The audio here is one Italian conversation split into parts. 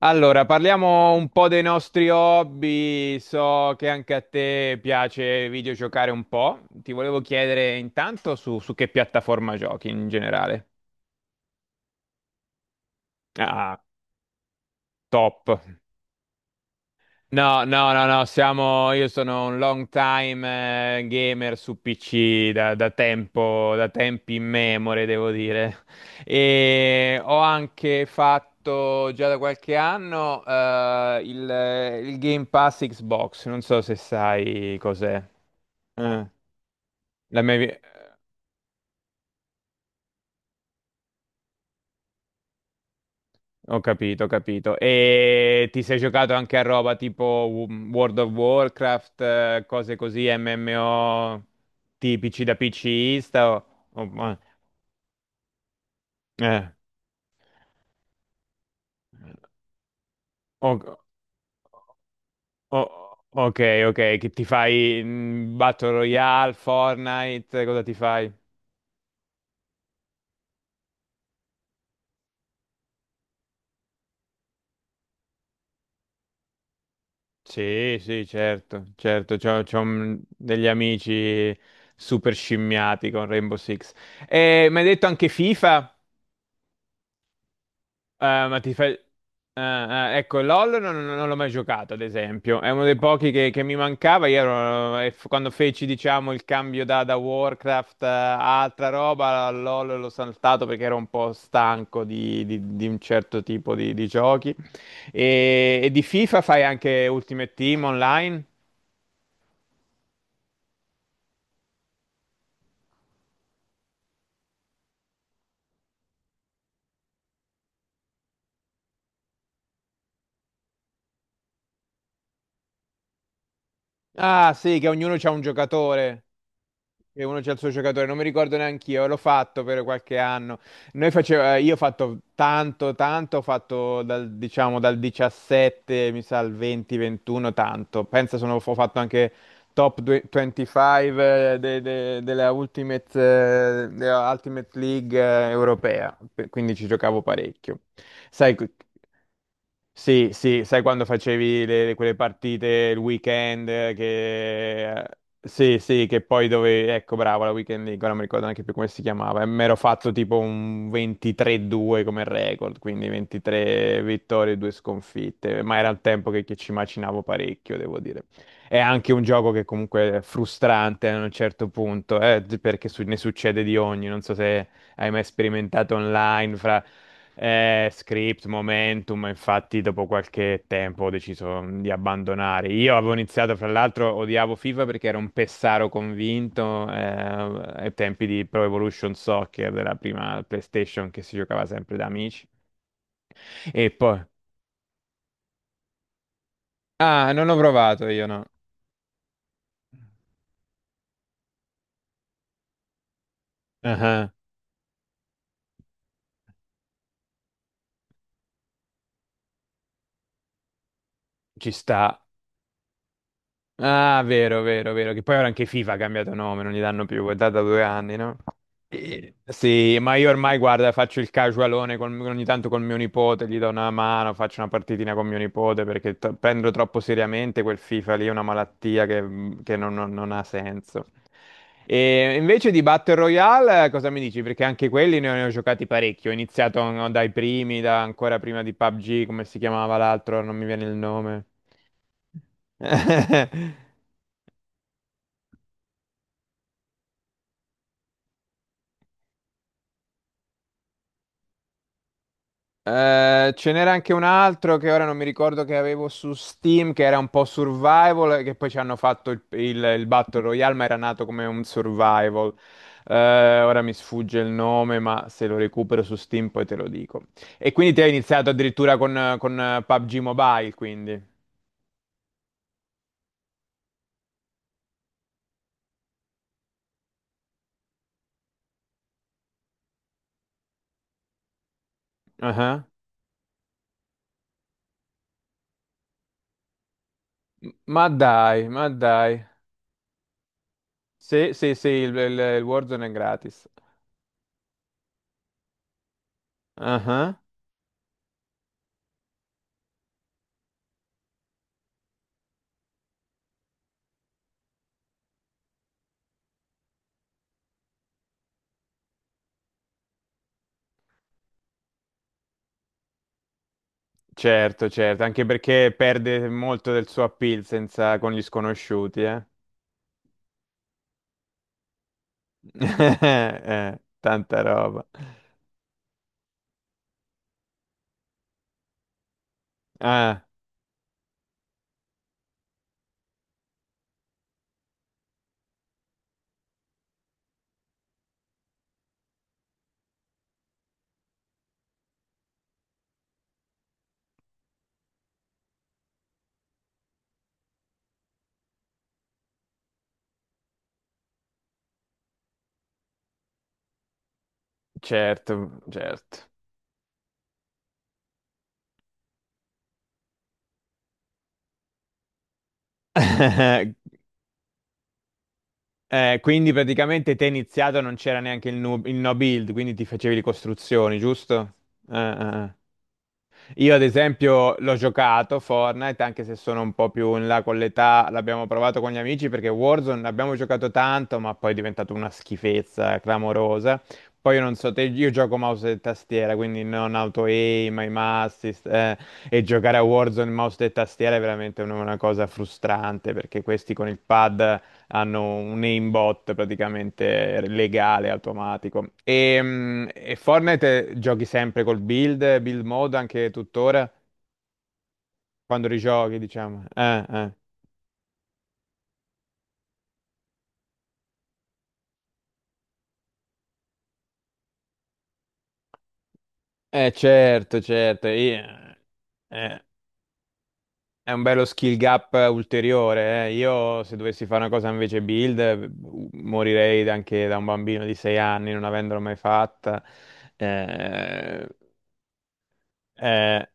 Allora, parliamo un po' dei nostri hobby. So che anche a te piace videogiocare un po'. Ti volevo chiedere intanto su che piattaforma giochi in generale. Ah, top. No, no, no, no, siamo, io sono un long time gamer su PC da tempo, da tempi immemore, devo dire. E ho anche fatto già da qualche anno il Game Pass Xbox, non so se sai cos'è. Eh, la mia... Ho capito, ho capito. E ti sei giocato anche a roba tipo World of Warcraft, cose così, MMO tipici da PCista? O- ma- eh, o- ok, ok, che ti fai Battle Royale, Fortnite, cosa ti fai? Sì, sì, certo, certo, degli amici super scimmiati con Rainbow Six. E mi hai detto anche FIFA? Eh, ma ti fai... ecco, LOL non l'ho mai giocato, ad esempio. È uno dei pochi che mi mancava. Io ero- e f- Quando feci, diciamo, il cambio da Warcraft a altra roba, LOL l'ho saltato perché ero un po' stanco di un certo tipo di giochi. E di FIFA fai anche Ultimate Team online? Ah, sì, che ognuno c'ha un giocatore. E uno c'è il suo giocatore, non mi ricordo neanche io, l'ho fatto per qualche anno. Io ho fatto tanto, tanto, ho fatto dal, diciamo, dal 17, mi sa, al 20-21, tanto. Pensa, sono, ho fatto anche top 25 della Ultimate League europea, quindi ci giocavo parecchio. Sai, sì, sì, sai quando facevi quelle partite il weekend che... Sì, sì, che poi dove... Ecco, bravo, la weekend league, ora non mi ricordo neanche più come si chiamava. E mi ero fatto tipo un 23-2 come record, quindi 23 vittorie e 2 sconfitte. Ma era il tempo che ci macinavo parecchio, devo dire. È anche un gioco che comunque è frustrante a un certo punto, perché ne succede di ogni, non so se hai mai sperimentato online fra script, momentum, ma infatti dopo qualche tempo ho deciso di abbandonare. Io avevo iniziato, fra l'altro, odiavo FIFA perché ero un pessaro convinto ai tempi di Pro Evolution Soccer, della prima PlayStation che si giocava sempre da amici. E poi... Ah, non ho provato io, no. Ah, ci sta. Ah, vero, vero, vero. Che poi ora anche FIFA ha cambiato nome, non gli danno più, è da 2 anni, no? Sì, ma io ormai, guarda, faccio il casualone ogni tanto con mio nipote, gli do una mano, faccio una partitina con mio nipote perché prendo troppo seriamente quel FIFA lì, è una malattia che non ha senso. E invece di Battle Royale, cosa mi dici? Perché anche quelli ne ho giocati parecchi. Ho iniziato no, dai primi, da, ancora prima di PUBG, come si chiamava l'altro, non mi viene il nome. Ce n'era anche un altro che ora non mi ricordo che avevo su Steam, che era un po' survival, e che poi ci hanno fatto il Battle Royale, ma era nato come un survival. Ora mi sfugge il nome, ma se lo recupero su Steam poi te lo dico. E quindi te hai iniziato addirittura con PUBG Mobile, quindi. Ah, ma dai, ma dai. Sì, sì, sì, il Warzone è gratis. Ah. Certo, certo, anche perché perde molto del suo appeal senza, con gli sconosciuti, eh. Tanta roba. Ah, certo, certo. Quindi praticamente te iniziato non c'era neanche il no build, quindi ti facevi le costruzioni, giusto? Ah, ah, ah. Io ad esempio l'ho giocato Fortnite, anche se sono un po' più in là con l'età, l'abbiamo provato con gli amici perché Warzone l'abbiamo giocato tanto, ma poi è diventato una schifezza clamorosa. Poi io non so te, io gioco mouse e tastiera, quindi non auto aim, aim assist, e giocare a Warzone mouse e tastiera è veramente una cosa frustrante perché questi con il pad hanno un aimbot praticamente legale, automatico. E Fortnite giochi sempre col build, build mode anche tuttora, quando rigiochi, diciamo. Certo, certo. Eh, è un bello skill gap ulteriore. Io se dovessi fare una cosa invece build, morirei anche da un bambino di 6 anni, non avendolo mai fatta. Eh, eh,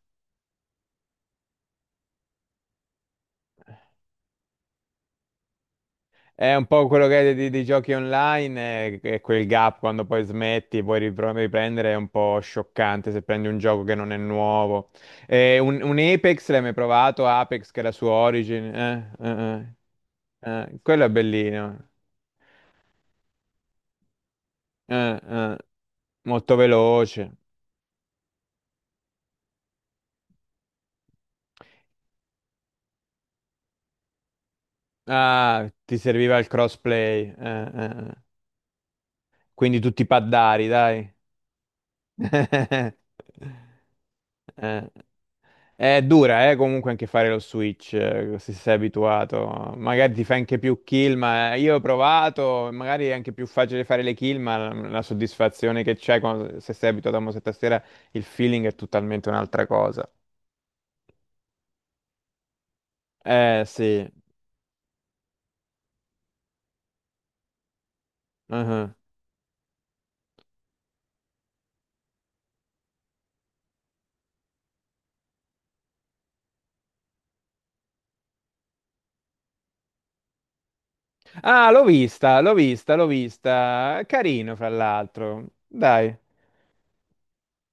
È un po' quello che è dei giochi online, che quel gap quando poi smetti, poi riprendere è un po' scioccante se prendi un gioco che non è nuovo. Un Apex l'hai mai provato? Apex che era su Origin? Quello è bellino. Eh, eh. Molto veloce. Ah, ti serviva il crossplay. Quindi tutti paddari, dai. Eh. È dura, comunque anche fare lo Switch, se sei abituato. Magari ti fai anche più kill, ma io ho provato, magari è anche più facile fare le kill, ma la soddisfazione che c'è se sei abituato a mouse e tastiera, il feeling è totalmente un'altra cosa. Sì. Uh-huh. Ah, l'ho vista, l'ho vista, l'ho vista. Carino, fra l'altro. Dai.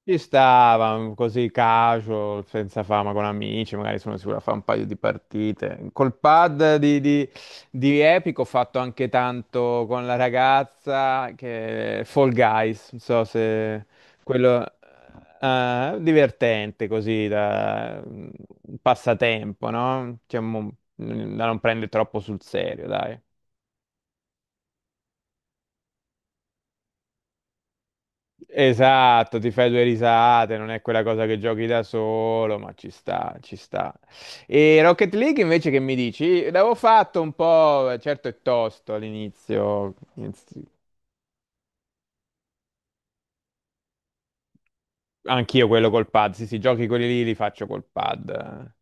Ci stava così casual, senza fama, con amici, magari sono sicuro a fare un paio di partite. Col pad di Epic ho fatto anche tanto con la ragazza che Fall Guys, non so se quello divertente così da un passatempo, no? Cioè, da non prendere troppo sul serio, dai. Esatto, ti fai due risate, non è quella cosa che giochi da solo, ma ci sta, ci sta. E Rocket League invece che mi dici? L'avevo fatto un po', certo è tosto all'inizio, anch'io quello col pad, sì sì, giochi quelli lì li faccio col pad.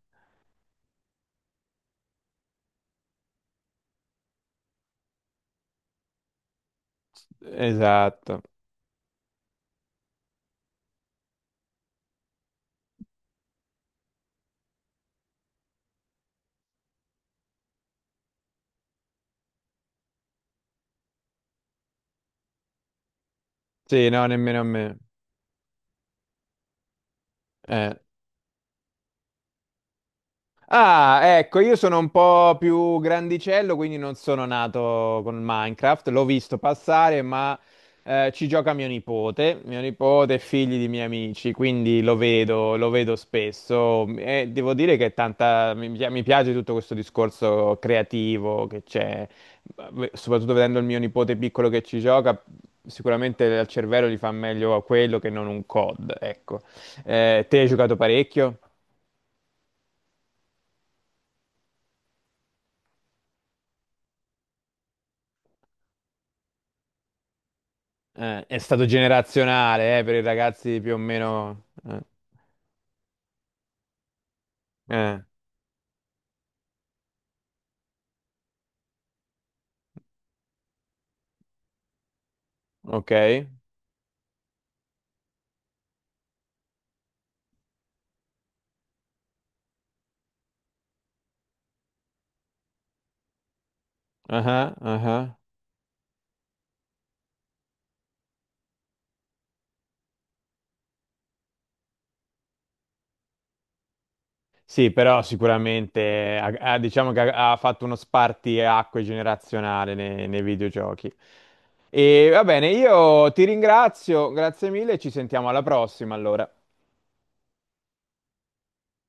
Esatto. Sì, no, nemmeno a me. Eh. Ah, ecco, io sono un po' più grandicello, quindi non sono nato con Minecraft, l'ho visto passare, ma ci gioca mio nipote è figlio di miei amici, quindi lo vedo spesso e devo dire che è tanta, mi piace tutto questo discorso creativo che c'è, soprattutto vedendo il mio nipote piccolo che ci gioca, sicuramente al cervello gli fa meglio quello che non un COD, ecco. Te hai giocato parecchio? È stato generazionale, per i ragazzi più o meno. Eh, ok. Ah, ah. Sì, però sicuramente diciamo che ha fatto uno spartiacque generazionale nei videogiochi. E va bene, io ti ringrazio, grazie mille, ci sentiamo alla prossima allora.